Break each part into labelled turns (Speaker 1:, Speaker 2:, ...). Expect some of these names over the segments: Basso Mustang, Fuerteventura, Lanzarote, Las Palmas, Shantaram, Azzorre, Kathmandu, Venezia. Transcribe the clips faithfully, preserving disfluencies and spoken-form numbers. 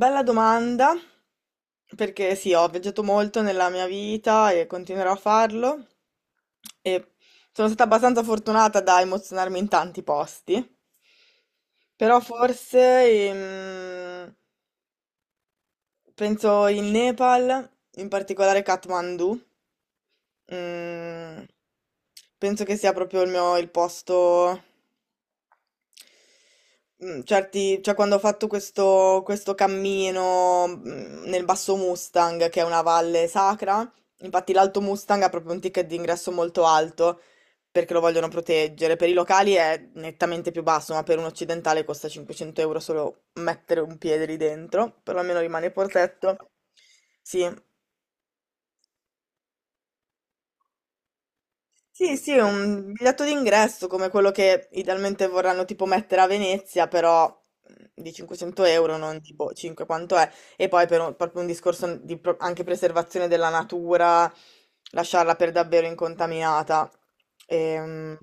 Speaker 1: Bella domanda, perché sì, ho viaggiato molto nella mia vita e continuerò a farlo e sono stata abbastanza fortunata da emozionarmi in tanti posti, però forse ehm, penso in Nepal, in particolare Kathmandu, mm, penso che sia proprio il mio, il posto. Mm, certi, cioè quando ho fatto questo, questo cammino mm, nel Basso Mustang, che è una valle sacra, infatti l'Alto Mustang ha proprio un ticket d'ingresso molto alto perché lo vogliono proteggere. Per i locali è nettamente più basso, ma per un occidentale costa cinquecento euro solo mettere un piede lì dentro, però almeno rimane il portetto. Sì, sì, sì, è un biglietto d'ingresso come quello che idealmente vorranno tipo mettere a Venezia, però mm, di cinquecento euro, non di boh, cinque quanto è. E poi per un- proprio un discorso di pro- anche preservazione della natura, lasciarla per davvero incontaminata. Ehm,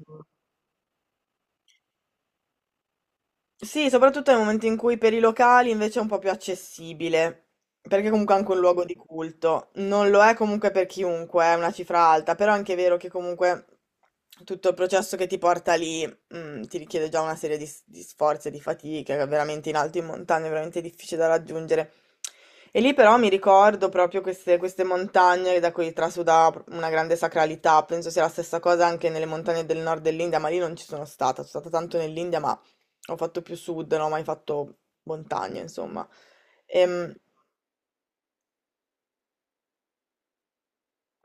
Speaker 1: Sì, soprattutto nel momento in cui per i locali invece è un po' più accessibile, perché comunque è anche un luogo di culto. Non lo è comunque per chiunque, è una cifra alta, però è anche vero che comunque tutto il processo che ti porta lì, mm, ti richiede già una serie di, s- di sforzi e di fatiche, che è veramente in alto in montagna, è veramente difficile da raggiungere. E lì però mi ricordo proprio queste, queste montagne da cui trasuda una grande sacralità, penso sia la stessa cosa anche nelle montagne del nord dell'India, ma lì non ci sono stata, sono stata tanto nell'India, ma ho fatto più sud, non ho mai fatto montagna, insomma. Ehm,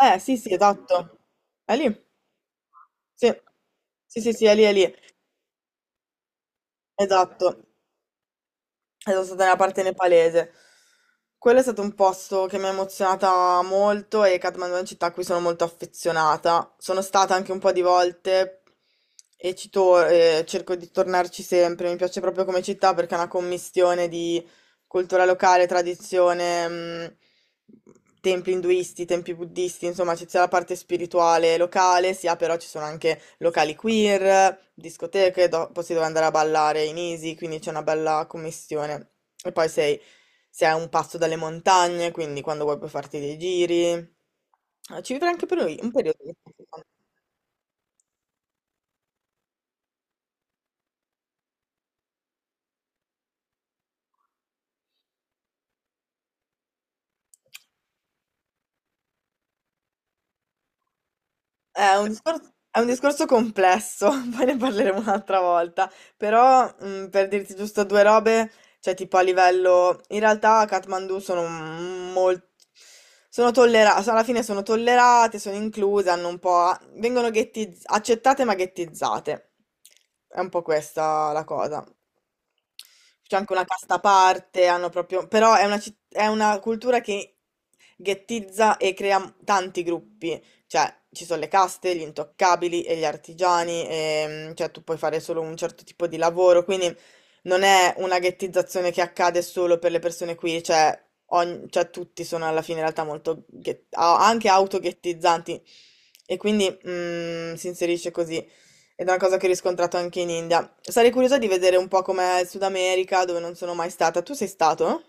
Speaker 1: eh, sì, sì, esatto. È lì? Sì. Sì, sì, sì, è lì, è lì. Esatto. E sono stata nella parte nepalese. Quello è stato un posto che mi ha emozionata molto e Kathmandu è una città a cui sono molto affezionata. Sono stata anche un po' di volte e ci tor- eh, cerco di tornarci sempre. Mi piace proprio come città perché è una commistione di cultura locale, tradizione, mh, templi induisti, templi buddisti, insomma, c'è sia la parte spirituale locale, sia però ci sono anche locali queer, discoteche, dopo si deve andare a ballare in Easy, quindi c'è una bella commissione. E poi sei, sei a un passo dalle montagne, quindi quando vuoi puoi farti dei giri. Eh, Ci vivrei anche per un un periodo. È un discorso, è un discorso complesso, poi ne parleremo un'altra volta, però mh, per dirti giusto due robe, cioè tipo a livello, in realtà a Kathmandu sono molto, sono tollerate, alla fine sono tollerate, sono incluse, hanno un po', vengono ghettiz- accettate ma ghettizzate, è un po' questa la cosa. C'è anche una casta a parte, hanno proprio, però è una, citt- è una cultura che ghettizza e crea tanti gruppi. Cioè, ci sono le caste, gli intoccabili e gli artigiani, ehm, cioè tu puoi fare solo un certo tipo di lavoro, quindi non è una ghettizzazione che accade solo per le persone qui, cioè, ogn- cioè tutti sono alla fine in realtà molto, ghet- a- anche autoghettizzanti e quindi mm, si inserisce così ed è una cosa che ho riscontrato anche in India. Sarei curiosa di vedere un po' com'è il Sud America, dove non sono mai stata. Tu sei stato?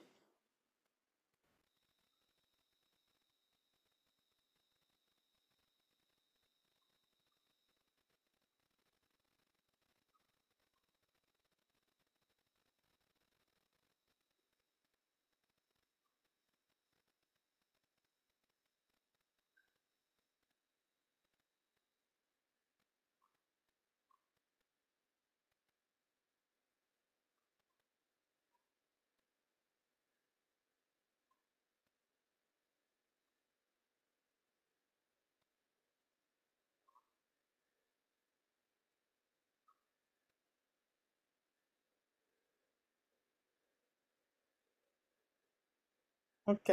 Speaker 1: Ok.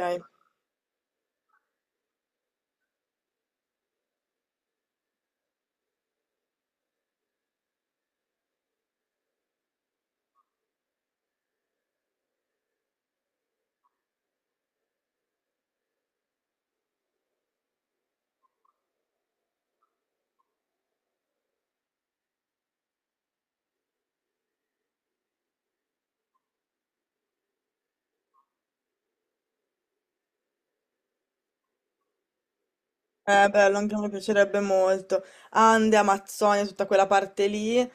Speaker 1: Eh, bello, anche a me piacerebbe molto. Ande, Amazzonia, tutta quella parte lì.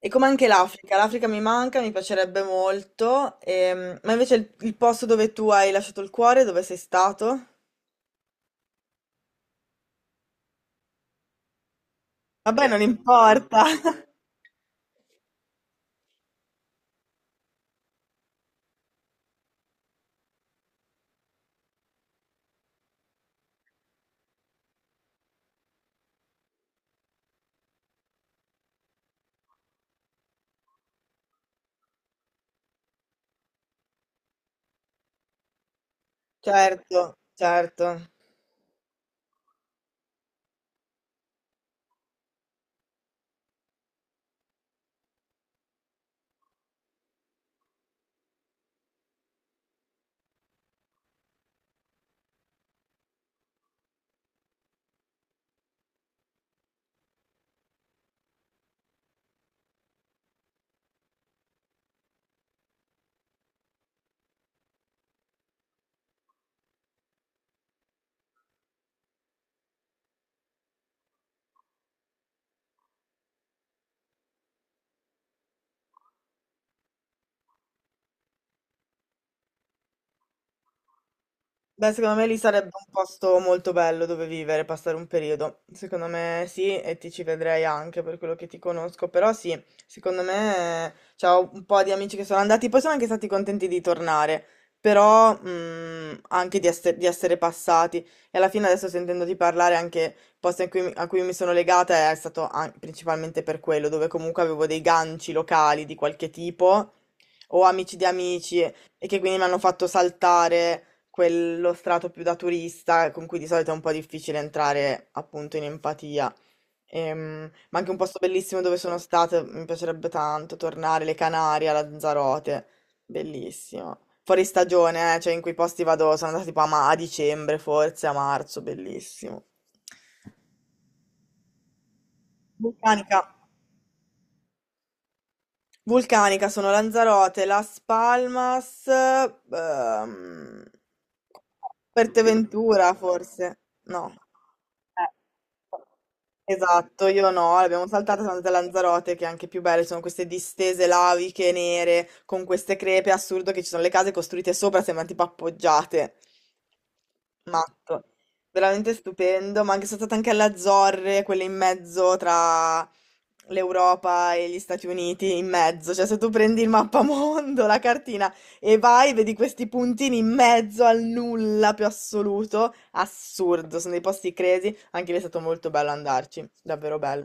Speaker 1: E come anche l'Africa, l'Africa mi manca, mi piacerebbe molto. Ehm, ma invece il, il posto dove tu hai lasciato il cuore, dove sei stato? Vabbè, non importa. Certo, certo. Beh, secondo me lì sarebbe un posto molto bello dove vivere, passare un periodo. Secondo me sì, e ti ci vedrei anche per quello che ti conosco. Però sì, secondo me c'ho un po' di amici che sono andati, poi sono anche stati contenti di tornare, però mm, anche di, esse- di essere passati. E alla fine adesso sentendoti parlare anche il posto in cui mi- a cui mi sono legata è stato an- principalmente per quello, dove comunque avevo dei ganci locali di qualche tipo, o amici di amici, e che quindi mi hanno fatto saltare quello strato più da turista con cui di solito è un po' difficile entrare appunto in empatia. Ehm, ma anche un posto bellissimo dove sono stata, mi piacerebbe tanto tornare, le Canarie, a Lanzarote, bellissimo. Fuori stagione, eh, cioè in quei posti vado, sono andata tipo a, ma- a dicembre forse, a marzo, bellissimo. Vulcanica. Vulcanica sono Lanzarote, Las Palmas, ehm, Fuerteventura forse, no. Eh. Esatto, io no, l'abbiamo saltata, siamo andate a Lanzarote, che è anche più belle, sono queste distese laviche nere con queste crepe, è assurdo che ci sono le case costruite sopra, sembrano tipo appoggiate. Matto. Veramente stupendo, ma anche sono stata anche alle Azzorre, quelle in mezzo tra l'Europa e gli Stati Uniti, in mezzo, cioè se tu prendi il mappamondo, la cartina e vai, vedi questi puntini in mezzo al nulla più assoluto, assurdo, sono dei posti crazy. Anche lì è stato molto bello andarci, davvero bello.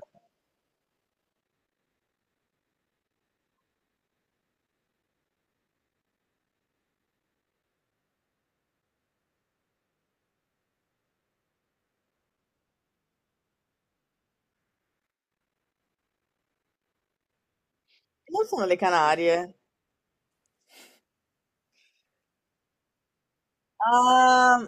Speaker 1: Non sono le Canarie. Ah,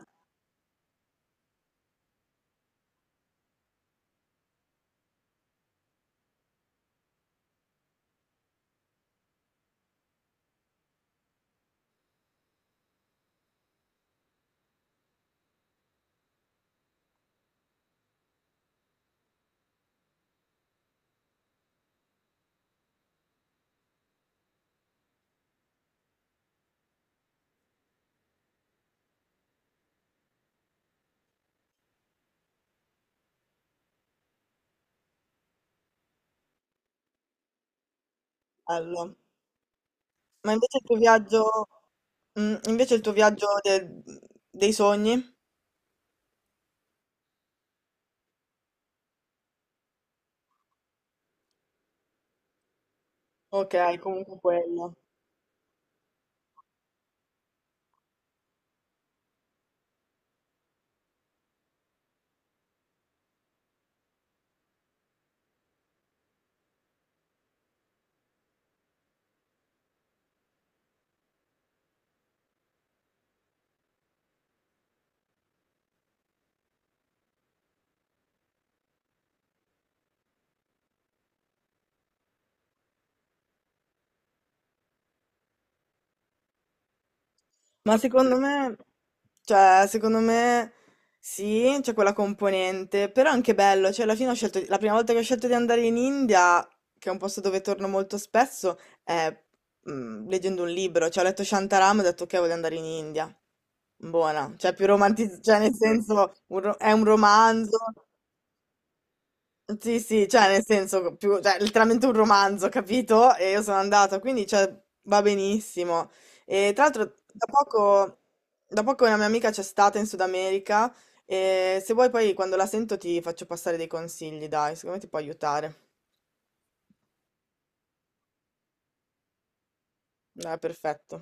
Speaker 1: bello. Ma invece il tuo viaggio, mm, invece il tuo viaggio de- dei sogni? Ok, comunque quello. Ma secondo me, cioè, secondo me sì, c'è quella componente, però è anche bello, cioè alla fine ho scelto, la prima volta che ho scelto di andare in India, che è un posto dove torno molto spesso, è mm, leggendo un libro, cioè ho letto Shantaram e ho detto ok, voglio andare in India. Buona, cioè più romantizzata, cioè nel senso un ro- è un romanzo. Sì, sì, cioè nel senso, più, cioè, letteralmente un romanzo, capito? E io sono andata, quindi cioè, va benissimo. E tra l'altro, da poco, da poco una mia amica c'è stata in Sud America e se vuoi poi quando la sento ti faccio passare dei consigli, dai, secondo me ti può aiutare. Dai, perfetto.